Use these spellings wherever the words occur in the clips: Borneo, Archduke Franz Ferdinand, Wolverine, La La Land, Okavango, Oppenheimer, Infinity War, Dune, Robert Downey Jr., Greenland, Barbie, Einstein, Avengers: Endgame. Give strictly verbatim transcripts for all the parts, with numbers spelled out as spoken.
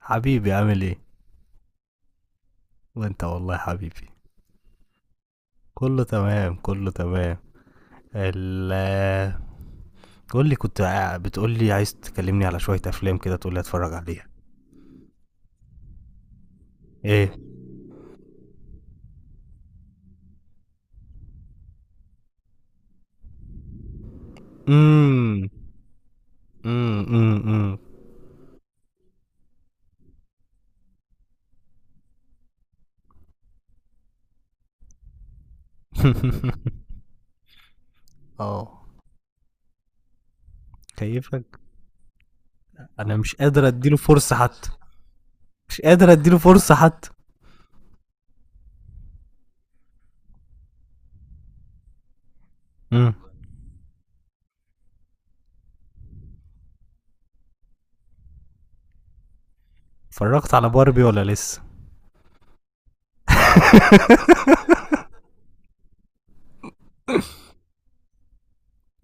حبيبي، عامل ايه؟ وانت والله حبيبي. كله تمام، كله تمام. ال قول لي، كنت بتقول لي عايز تكلمني على شوية افلام كده تقول لي اتفرج عليها. ايه؟ امم امم امم اه. كيفك؟ انا مش قادر اديله فرصة حتى، مش قادر اديله فرصة حتى. امم اتفرجت على باربي ولا لسه؟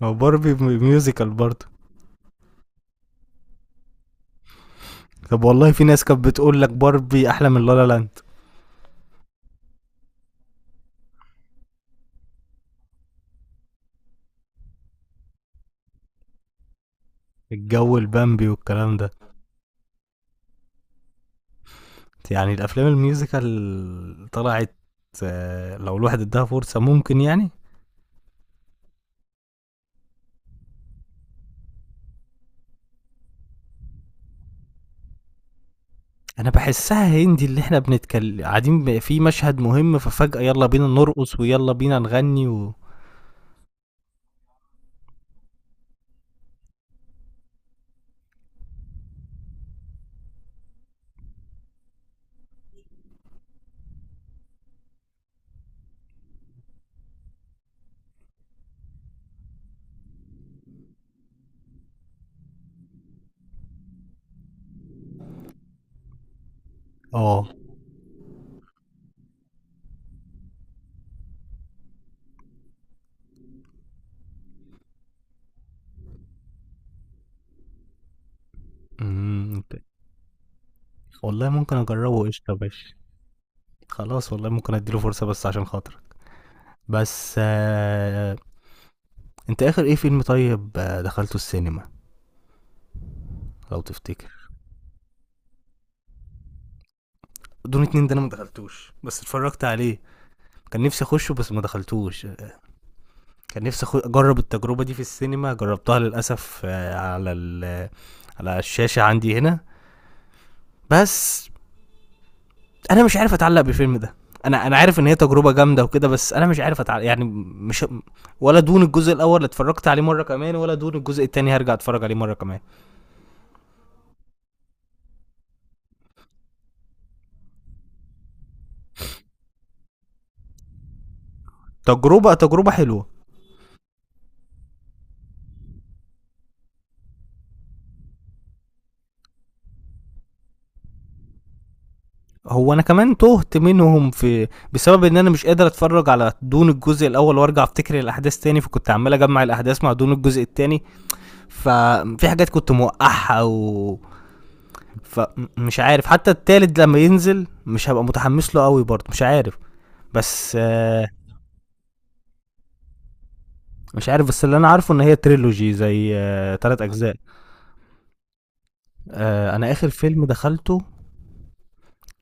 هو باربي م- ميوزيكال برضه؟ طب والله في ناس كانت بتقول لك باربي احلى من لا لا لاند. الجو البامبي والكلام ده. يعني الافلام الميوزيكال طلعت، آه، لو الواحد اداها فرصه ممكن يعني. انا بحسها هندي، اللي احنا بنتكلم قاعدين ب- في مشهد مهم ففجاه يلا بينا نرقص ويلا بينا نغني و اه. أمم، والله ممكن اجربه، قشطه ماشي. خلاص والله ممكن اديله فرصه بس عشان خاطرك. بس آه... انت اخر ايه فيلم طيب آه، دخلته السينما؟ لو تفتكر. دون اتنين ده انا ما دخلتوش بس اتفرجت عليه. كان نفسي اخشه بس ما دخلتوش. كان نفسي أخو- اجرب التجربه دي في السينما، جربتها للاسف آه، على ال- على الشاشه عندي هنا. بس انا مش عارف اتعلق بالفيلم ده. انا انا عارف ان هي تجربه جامده وكده، بس انا مش عارف اتعلق، يعني مش. ولا دون الجزء الاول اللي اتفرجت عليه مره كمان، ولا دون الجزء التاني هرجع اتفرج عليه مره كمان. تجربه، تجربه حلوه. هو انا كمان تهت منهم، في بسبب ان انا مش قادر اتفرج على دون الجزء الاول وارجع افتكر الاحداث تاني، فكنت عمال اجمع الاحداث مع دون الجزء التاني. ففي حاجات كنت موقعها. و... فمش عارف حتى التالت لما ينزل مش هبقى متحمس له قوي برضه، مش عارف. بس آه، مش عارف، بس اللي انا عارفه ان هي تريلوجي زي آه، تلات اجزاء. آه، انا اخر فيلم دخلته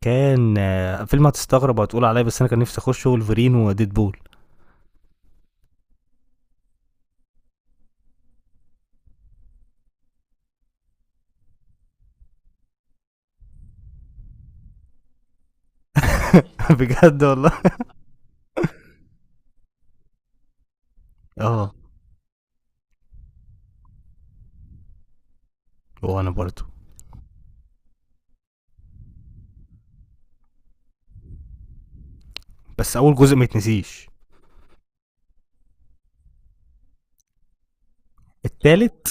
كان آه، فيلم هتستغرب وهتقول عليا، بس انا كان نفسي اخشه، ولفرين وديدبول. بجد والله. اه. وانا برضه. بس اول جزء ما يتنسيش. التالت.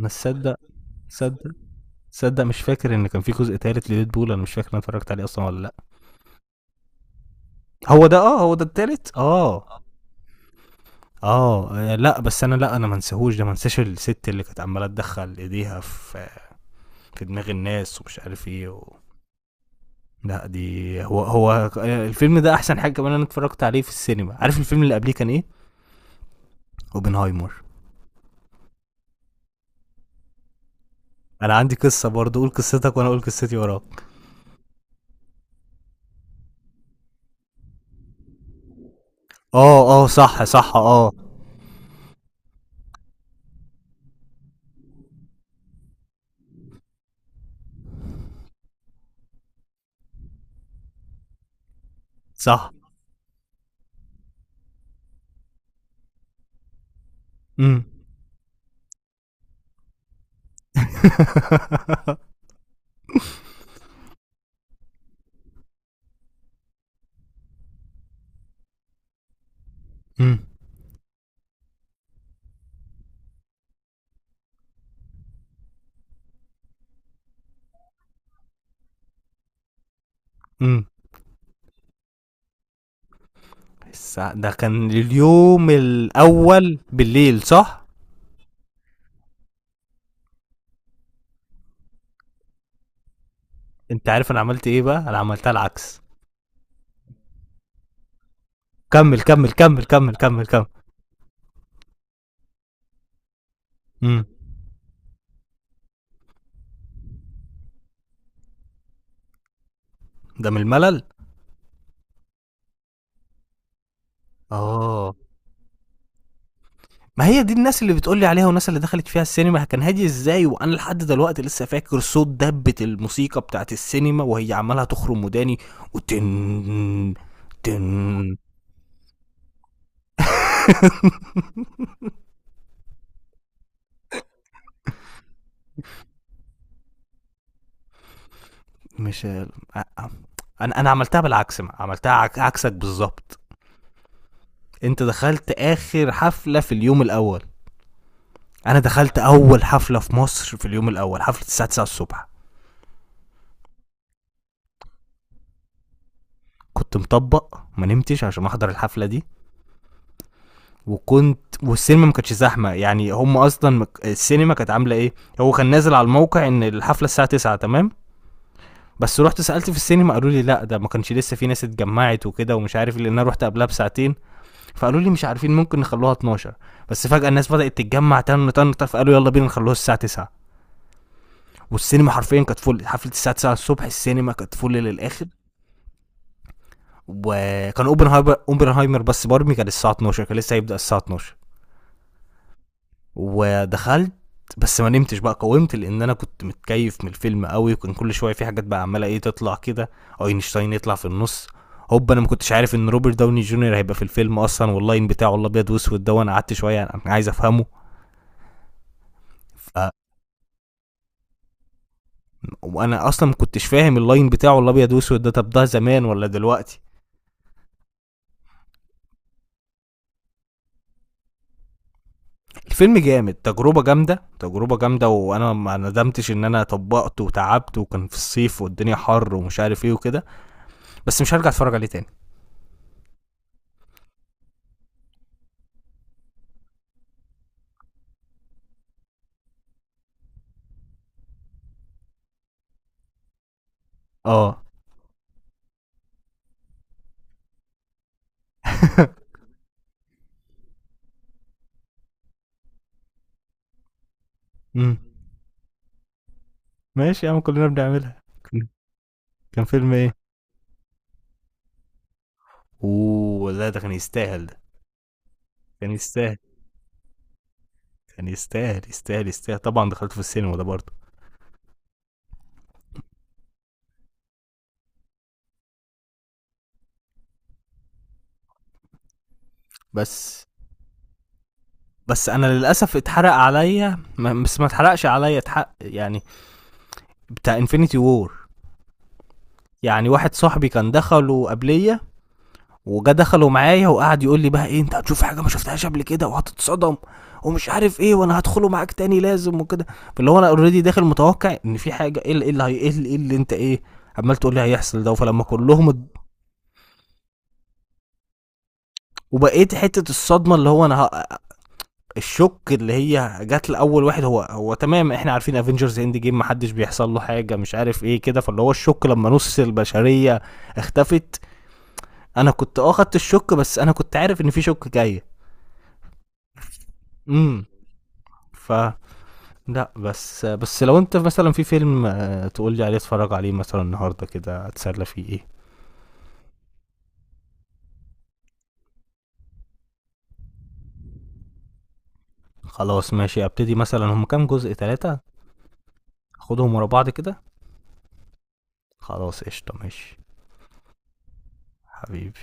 انا تصدق؟ تصدق. تصدق مش فاكر ان كان في جزء تالت لديدبول. انا مش فاكر انا اتفرجت عليه اصلا ولا لا. هو ده، اه، هو ده التالت، اه. اه، آه، لا بس انا، لا انا ما انساهوش ده، ما انساش الست اللي كانت عماله تدخل ايديها في في دماغ الناس ومش عارف ايه. و... لا دي هو، هو الفيلم ده احسن حاجه. كمان انا اتفرجت عليه في السينما، عارف الفيلم اللي قبليه كان ايه؟ اوبنهايمر. انا عندي قصه برضه، قول قصتك وانا اقول قصتي وراك. اه، اه، صح، صح، اه. صح. امم امم امم الساعة- ده كان اليوم الاول بالليل، صح؟ انت عارف انا عملت ايه بقى؟ انا عملتها العكس. كمل، كمل، كمل، كمل، كمل، كمل. امم ده من الملل. اه. ما هي دي الناس اللي بتقول لي عليها، والناس اللي دخلت فيها السينما كان هادي ازاي، وانا لحد دلوقتي لسه فاكر صوت دبة الموسيقى بتاعت السينما وهي عمالة تخرم وداني. وتن، تن. مش ال- آه، آه. انا انا عملتها بالعكس. ما. عملتها عك- عكسك بالظبط. انت دخلت اخر حفلة في اليوم الاول. انا دخلت اول حفلة في مصر في اليوم الاول، حفلة الساعة التسعة الصبح. كنت مطبق ما نمتش عشان احضر الحفله دي. وكنت، والسينما ما كانتش زحمه، يعني هم اصلا مك- السينما كانت عامله ايه. هو كان نازل على الموقع ان الحفله الساعه تسعة تمام. بس رحت سالت في السينما قالوا لي لا، ده ما كانش لسه في ناس اتجمعت وكده ومش عارف إيه، لان انا رحت قبلها بساعتين. فقالوا لي مش عارفين، ممكن نخلوها اتناشر. بس فجاه الناس بدات تتجمع، تن تن تن، فقالوا يلا بينا نخلوها الساعه التسعة. والسينما حرفيا كانت فل، حفله الساعه التسعة الصبح السينما كانت فل للاخر. وكان اوبنهايمر، اوبنهايمر بس باربي كان الساعه اتناشر، كان لسه هيبدا الساعه اتناشر. ودخلت. بس ما نمتش بقى، قاومت لان انا كنت متكيف من الفيلم قوي، وكان كل شويه في حاجات بقى عماله ايه تطلع كده. اينشتاين يطلع في النص. هوب، انا ما كنتش عارف ان روبرت داوني جونيور هيبقى في الفيلم اصلا، واللاين بتاعه الابيض واسود ده، وانا قعدت شويه يعني انا عايز افهمه. ف... وانا اصلا ما كنتش فاهم اللاين بتاعه الابيض واسود ده، طب ده زمان ولا دلوقتي؟ الفيلم جامد، تجربه جامده، تجربه جامده، وانا ما ندمتش ان انا طبقته وتعبت وكان في الصيف والدنيا حر ومش عارف ايه وكده. بس مش هرجع اتفرج عليه تاني. اه. إمم. ماشي يا عم، كلّنا بنعملها. كان كان فيلم إيه؟ أوه! لأ ده كان يستاهل ده، كان يستاهل، كان يستاهل، يستاهل، يستاهل. طبعًا دخلته في السينما ده برضه. بس بس أنا للأسف اتحرق عليّا. م بس ما اتحرقش عليّا، اتحق يعني، بتاع Infinity War. يعني واحد صاحبي كان دخله قبليّا، وجا دخلوا معايا وقعد يقول لي بقى: ايه، انت هتشوف حاجه ما شفتهاش قبل كده، وهتتصدم ومش عارف ايه، وانا هدخله معاك تاني لازم وكده. فاللي هو انا اوريدي داخل متوقع ان في حاجه، ايه اللي- إيه اللي هي، ايه اللي- إيه اللي انت ايه، عمال تقول لي هيحصل ده؟ فلما كلهم اد- وبقيت حته الصدمه، اللي هو انا ه- الشك اللي هي جات لاول واحد هو، هو تمام احنا عارفين افنجرز اند جيم محدش بيحصل له حاجه مش عارف ايه كده. فاللي هو الشك لما نص البشريه اختفت، انا كنت اه خدت الشك بس انا كنت عارف ان في شك جاي. امم ف لأ، بس بس لو أنت مثلًا في فيلم آه، تقول لي عليه اتفرج عليه مثلًا النهارده كده أتسلى فيه إيه؟ خلاص ماشي أبتدي، مثلًا هُم كام جزء، ثلاثة؟ آخدهم ورا بعض كده؟ خلاص قشطة، ماشي، حبيبي.